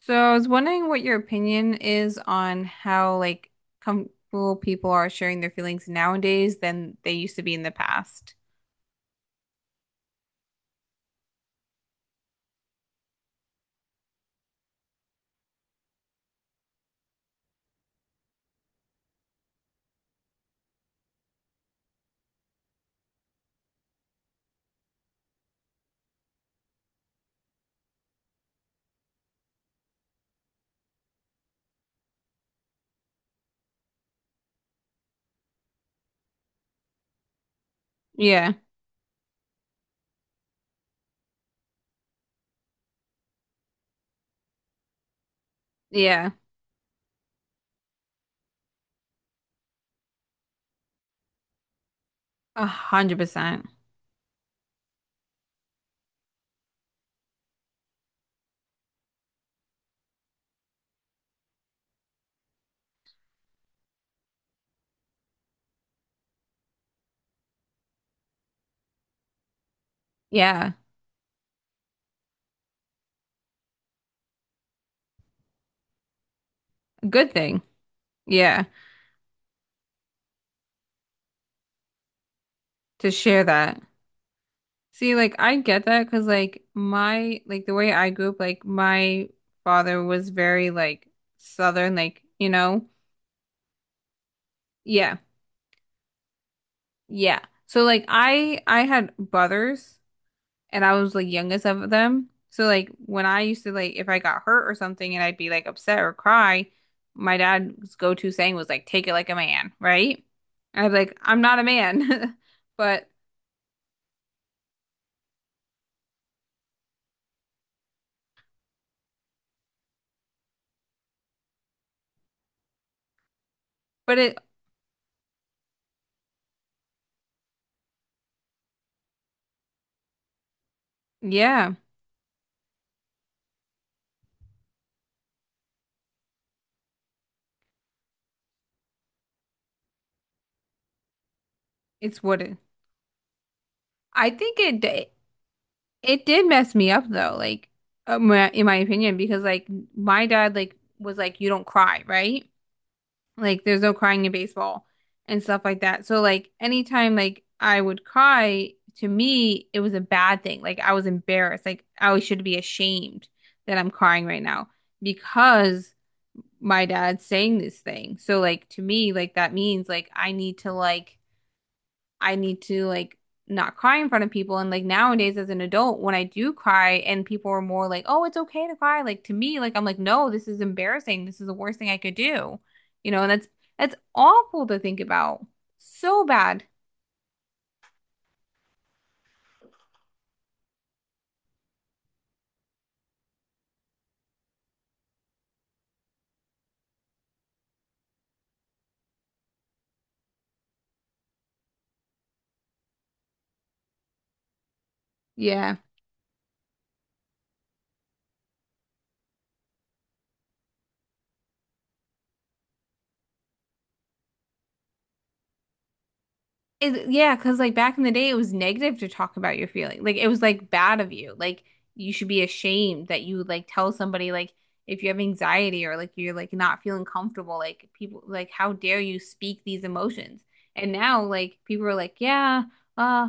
So I was wondering what your opinion is on how like comfortable people are sharing their feelings nowadays than they used to be in the past. Yeah. Yeah. 100%. Yeah. Good thing. Yeah. To share that. See, like I get that because like my like the way I grew up, like my father was very like southern, like, you know. Yeah. Yeah. So like I had brothers and I was like youngest of them. So like when I used to like if I got hurt or something and I'd be like upset or cry, my dad's go-to saying was like take it like a man, right? And I'd be like I'm not a man. But but it yeah, it's what it I think it d- It did mess me up though, like my- in my opinion because like my dad like was like you don't cry, right? Like there's no crying in baseball and stuff like that. So like anytime like I would cry, to me it was a bad thing. Like I was embarrassed. Like I should be ashamed that I'm crying right now because my dad's saying this thing. So like to me like that means like I need to like not cry in front of people. And like nowadays as an adult, when I do cry and people are more like, oh, it's okay to cry. Like to me, like I'm like, no, this is embarrassing. This is the worst thing I could do. You know, and that's awful to think about. So bad. Yeah. It, yeah, because like back in the day, it was negative to talk about your feeling. Like it was like bad of you. Like you should be ashamed that you would like tell somebody like if you have anxiety or like you're like not feeling comfortable. Like people like how dare you speak these emotions? And now like people are like, yeah, uh,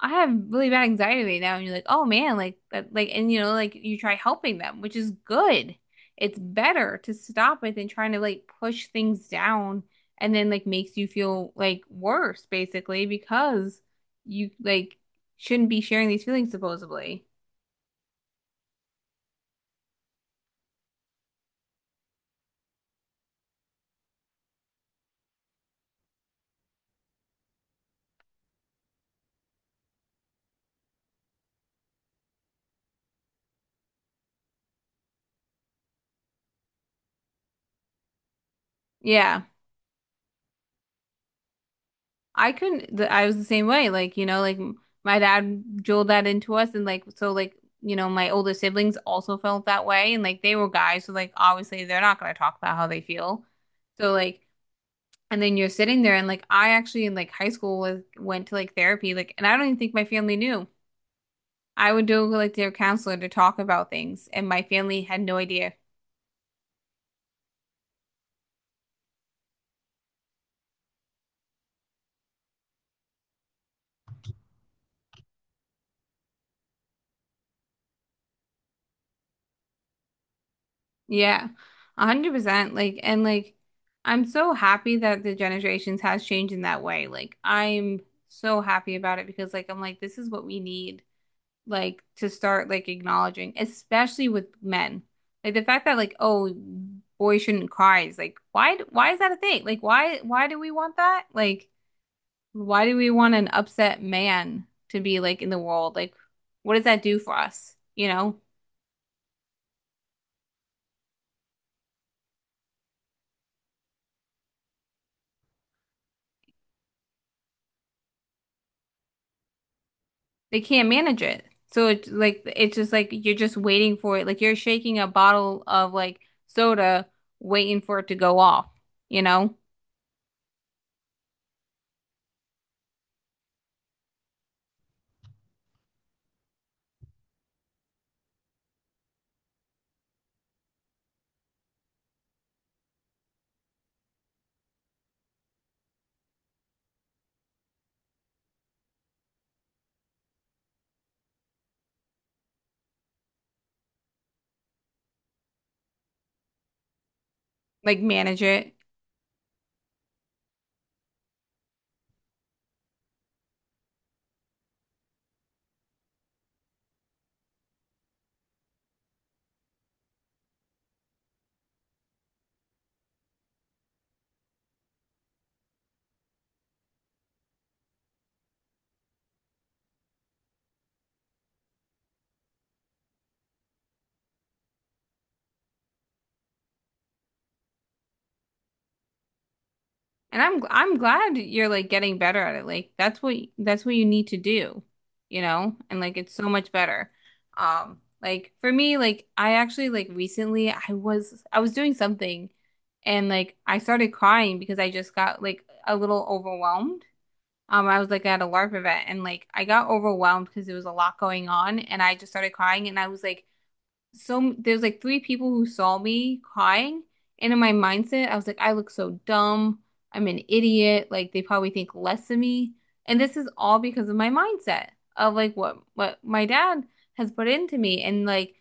I have really bad anxiety right now, and you're like, oh man, like that, like and you know like you try helping them, which is good. It's better to stop it than trying to like push things down and then like makes you feel like worse basically because you like shouldn't be sharing these feelings supposedly. Yeah. I couldn't th- I was the same way like you know like my dad drilled that into us and like so like you know my older siblings also felt that way and like they were guys so like obviously they're not going to talk about how they feel. So like and then you're sitting there and like I actually in like high school was went to like therapy like and I don't even think my family knew. I would go like their counselor to talk about things, and my family had no idea. Yeah, 100%. Like, and like, I'm so happy that the generations has changed in that way. Like, I'm so happy about it because, like, I'm like, this is what we need, like, to start like acknowledging, especially with men. Like the fact that like, oh, boys shouldn't cry is like, why? Why is that a thing? Like, why? Why do we want that? Like. Why do we want an upset man to be like in the world? Like, what does that do for us? You know, they can't manage it. So it's like it's just like you're just waiting for it. Like you're shaking a bottle of like soda, waiting for it to go off. You know, like manage it. And I'm glad you're like getting better at it. Like that's what you need to do, you know? And like it's so much better. Like for me, like I actually like recently I was doing something and like I started crying because I just got like a little overwhelmed. I was like at a LARP event and like I got overwhelmed because there was a lot going on and I just started crying and I was like so there's like 3 people who saw me crying, and in my mindset, I was like, I look so dumb. I'm an idiot. Like they probably think less of me. And this is all because of my mindset of like what my dad has put into me. And like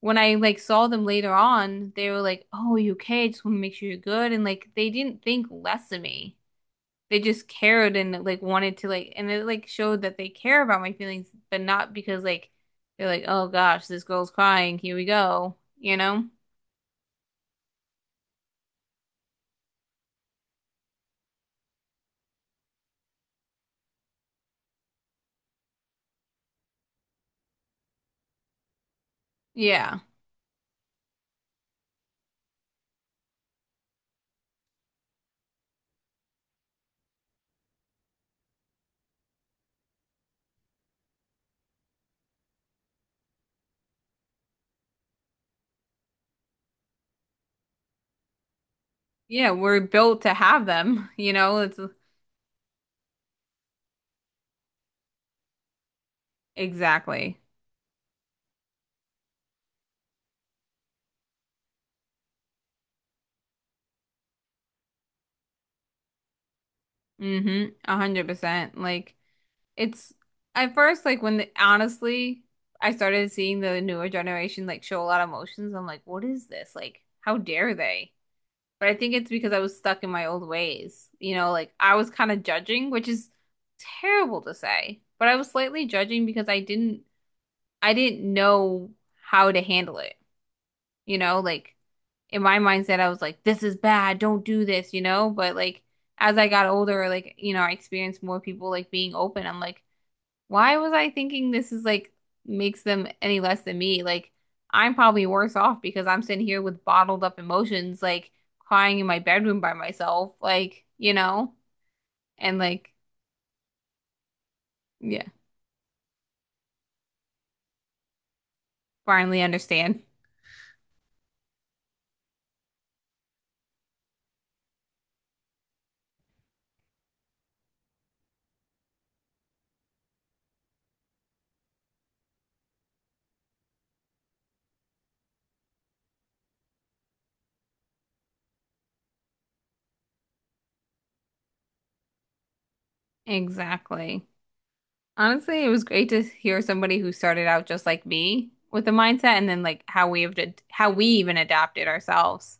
when I like saw them later on, they were like, "Oh, are you okay? I just want to make sure you're good." And like they didn't think less of me, they just cared and like wanted to like and it like showed that they care about my feelings, but not because like they're like, oh gosh, this girl's crying, here we go, you know? Yeah. Yeah, we're built to have them, you know? It's exactly. Mm-hmm. 100%. Like it's at first like when the, honestly I started seeing the newer generation like show a lot of emotions, I'm like, what is this? Like, how dare they? But I think it's because I was stuck in my old ways. You know, like I was kind of judging, which is terrible to say, but I was slightly judging because I didn't know how to handle it. You know, like in my mindset I was like this is bad, don't do this, you know, but like as I got older, like you know, I experienced more people like being open. I'm like why was I thinking this is like makes them any less than me? Like I'm probably worse off because I'm sitting here with bottled up emotions, like crying in my bedroom by myself, like, you know, and like, yeah, finally understand. Exactly. Honestly, it was great to hear somebody who started out just like me with the mindset and then like how we have to, how we even adapted ourselves.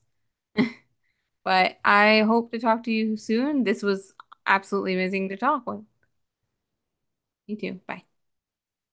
But I hope to talk to you soon. This was absolutely amazing to talk with. You too. Bye.